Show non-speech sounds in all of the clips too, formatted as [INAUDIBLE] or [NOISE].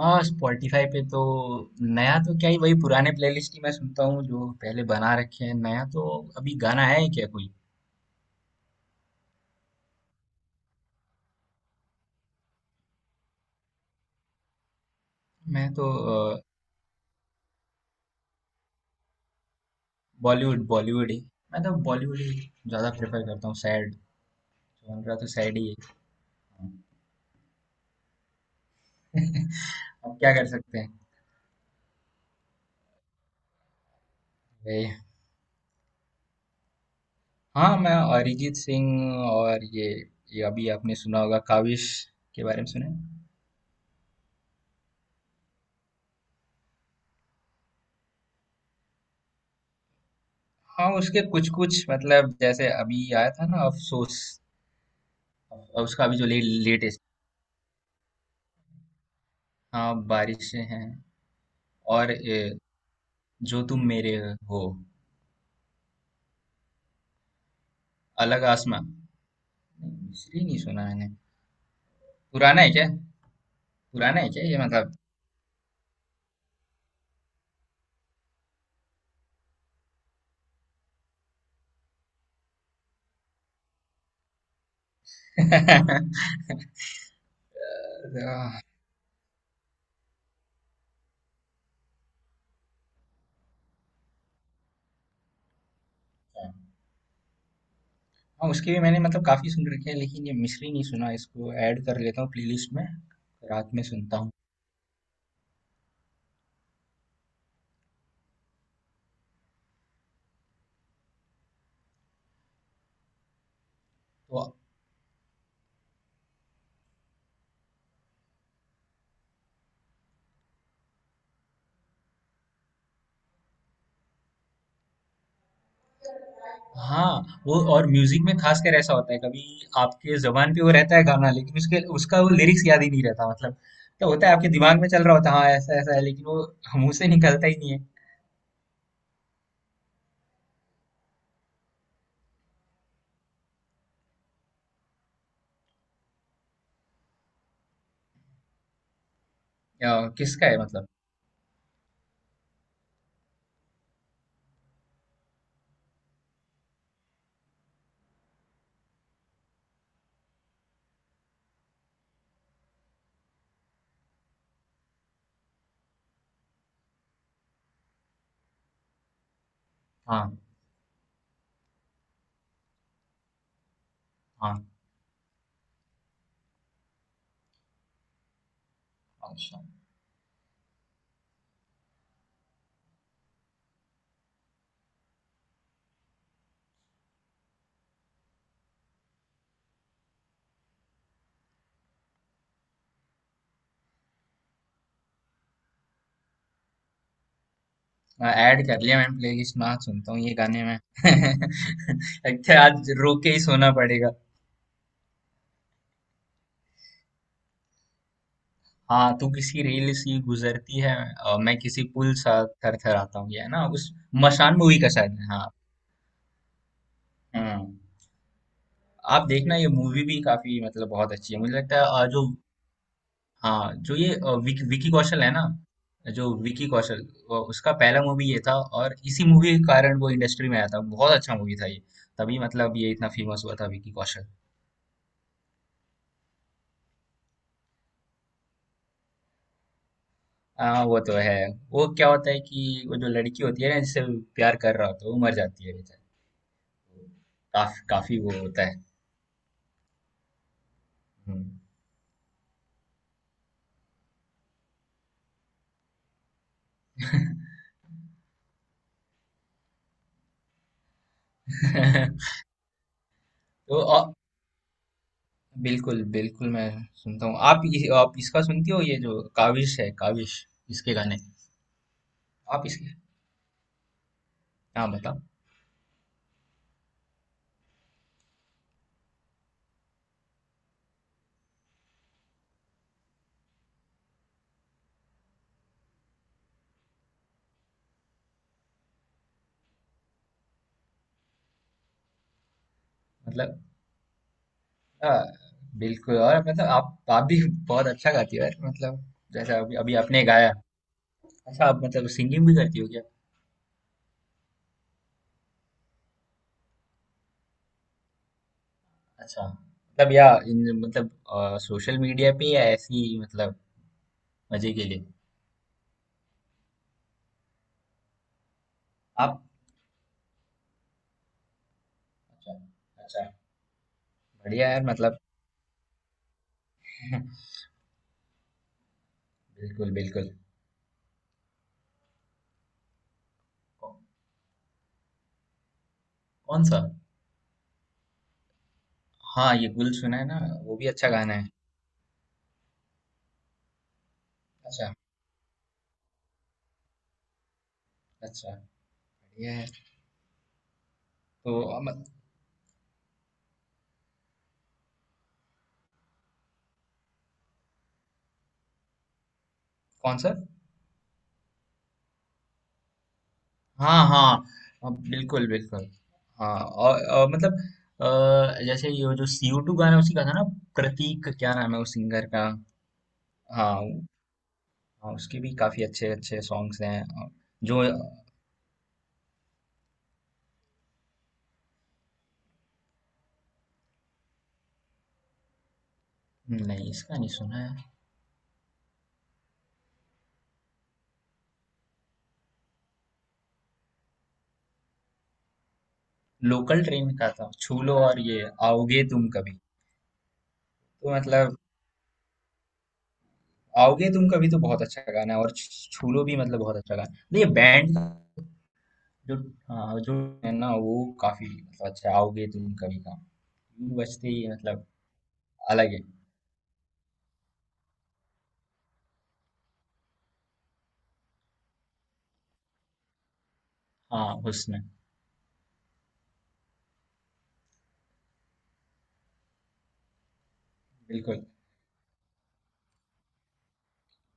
हाँ स्पॉटिफाई पे तो नया तो क्या ही वही पुराने प्लेलिस्ट ही मैं सुनता हूँ जो पहले बना रखे हैं। नया तो अभी गाना है ही क्या कोई। मैं तो बॉलीवुड बॉलीवुड ही मैं तो बॉलीवुड ही ज्यादा प्रेफर करता हूँ। सैड जॉनरा तो सैड ही है। अब क्या कर सकते हैं। वही। हाँ मैं अरिजीत सिंह। और ये अभी आपने सुना होगा काविश के बारे में, सुने? हाँ उसके कुछ कुछ मतलब, जैसे अभी आया था ना अफसोस। उसका अभी जो लेटेस्ट। हाँ बारिशें हैं। और ये जो तुम मेरे हो। अलग आसमां। नहीं, इसलिए नहीं सुना मैंने। पुराना है क्या? पुराना है क्या ये मतलब? [LAUGHS] आह, हाँ उसकी भी मैंने मतलब काफी सुन रखी है, लेकिन ये मिश्री नहीं सुना, इसको ऐड कर लेता हूँ प्लेलिस्ट में। रात में सुनता हूँ। तो हाँ वो, और म्यूजिक में खास कर ऐसा होता है कभी। आपके जबान पे वो रहता है गाना, लेकिन उसके उसका वो लिरिक्स याद ही नहीं रहता मतलब। तो होता है, आपके दिमाग में चल रहा होता है हाँ ऐसा ऐसा है, लेकिन वो मुंह से निकलता ही नहीं है। किसका है मतलब? हाँ, हाँ, अच्छा, ऐड कर लिया मैंने प्लेलिस्ट में, आज सुनता हूँ ये गाने मैं। [LAUGHS] लगता है आज रो के ही सोना पड़ेगा। हाँ, तू किसी रेल सी गुजरती है, मैं किसी पुल सा थर थर आता हूँ, ये है ना। उस मशान मूवी का शायद है, हाँ। हम्म। आप देखना, ये मूवी भी काफी मतलब बहुत अच्छी है, मुझे लगता है जो। हाँ, जो ये विकी कौशल है ना, जो विकी कौशल, उसका पहला मूवी ये था। और इसी मूवी के कारण वो इंडस्ट्री में आया था, बहुत अच्छा मूवी था ये। तभी मतलब ये इतना फेमस हुआ था विकी कौशल। हाँ वो तो है। वो क्या होता है कि वो जो लड़की होती है ना जिससे वो प्यार कर रहा होता है, वो मर जाती है बेचारी। काफी काफी वो होता है। हम्म। [LAUGHS] तो बिल्कुल बिल्कुल मैं सुनता हूँ। आप इसका सुनती हो, ये जो काविश है, काविश, इसके गाने? आप इसके? हाँ बताओ मतलब। आ, बिल्कुल। और मतलब आप भी बहुत अच्छा गाती हो यार मतलब। जैसा अभी अभी आपने गाया। अच्छा, आप मतलब सिंगिंग भी करती हो? अच्छा मतलब, या इन मतलब सोशल मीडिया पे, या ऐसी ही मतलब मजे के लिए आप? अच्छा, अच्छा, बढ़िया यार मतलब। [LAUGHS] बिल्कुल बिल्कुल, कौ- कौन सा? हाँ ये गुल सुना है ना, वो भी अच्छा गाना है। अच्छा, अच्छा, बढ़िया है। तो कौन सा? हाँ, हाँ, बिल्कुल बिल्कुल। हाँ, और मतलब अ, जैसे ये जो सी ओ टू गाना है, उसी का था ना? प्रतीक, क्या नाम है उस सिंगर का? हाँ उ- हाँ उसके भी काफी अच्छे अच्छे सॉन्ग्स हैं जो। नहीं, इसका नहीं सुना है। लोकल ट्रेन का था, छू लो, और ये आओगे तुम कभी। तो मतलब आओगे तुम कभी तो बहुत अच्छा गाना है, और छू लो भी मतलब बहुत अच्छा गाना है। नहीं, ये बैंड का जो, हाँ, जो है ना वो काफी मतलब अच्छा है, आओगे तुम कभी का। यूं बजते ही मतलब अलग है। हाँ, हुस्न। बिल्कुल।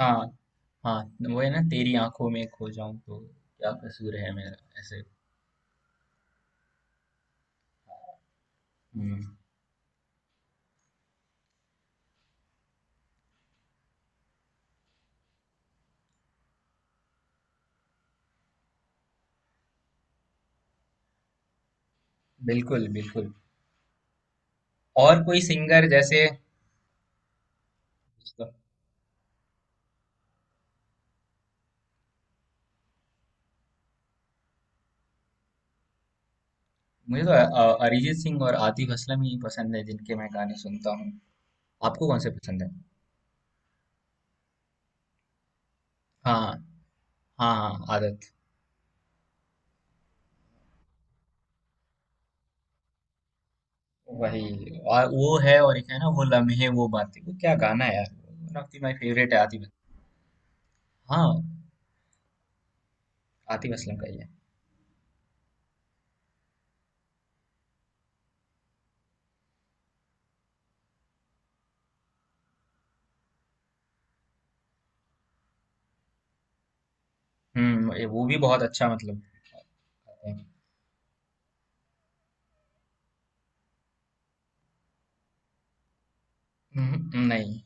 हाँ, हाँ, वो है ना, तेरी आंखों में खो जाऊं तो, क्या कसूर है मेरा ऐसे। हम्म, बिल्कुल बिल्कुल। और कोई सिंगर जैसे? मुझे तो अरिजीत सिंह और आतिफ असलम ही पसंद है, जिनके मैं गाने सुनता हूँ। आपको कौन से पसंद है? हाँ, हाँ, हाँ, आदत। वही, और वो है, और एक है ना वो लम्हे वो बातें, वो क्या गाना है यार, one of the my favourite है, आतिफ। हाँ, आतिफ असलम का ही है। वो भी बहुत अच्छा मतलब। हम्म, नहीं,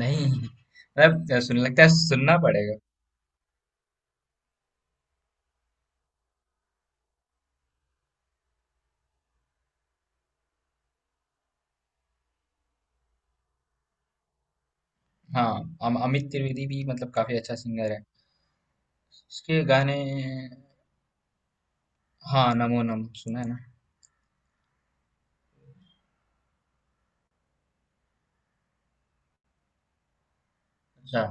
नहीं, मतलब सुन, लगता है सुनना पड़ेगा। हाँ, अमित त्रिवेदी भी मतलब काफी अच्छा सिंगर है, उसके गाने। हाँ, नमो नम सुना है ना। अच्छा।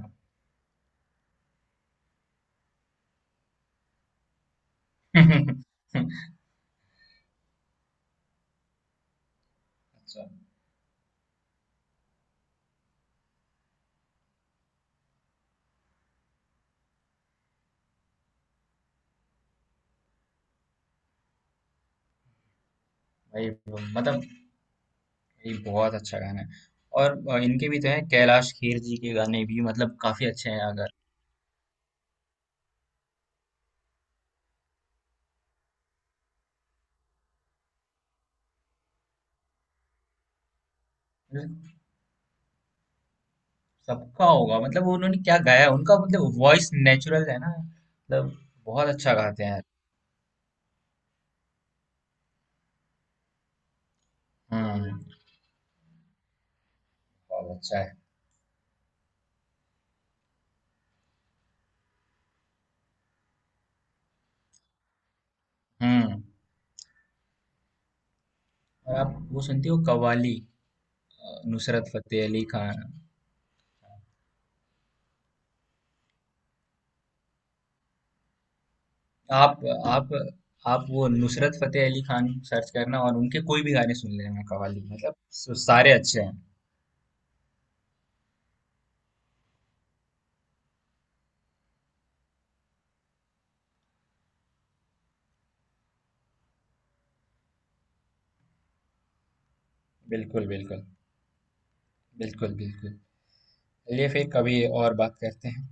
[LAUGHS] अच्छा भाई, मतलब ये बहुत अच्छा गाना है। और इनके भी तो हैं, कैलाश खेर जी के गाने भी मतलब काफी अच्छे हैं, अगर सबका होगा मतलब वो, उन्होंने क्या गाया है, उनका मतलब वॉइस नेचुरल है ना मतलब, बहुत अच्छा गाते हैं। हम्म, बहुत अच्छा है। हम्म, और आप वो सुनती हो कव्वाली, नुसरत फतेह अली खान? आप आप आप वो नुसरत फतेह अली खान सर्च करना, और उनके कोई भी गाने सुन लेना, कव्वाली मतलब सारे अच्छे हैं। बिल्कुल बिल्कुल, बिल्कुल बिल्कुल। चलिए, फिर कभी और बात करते हैं।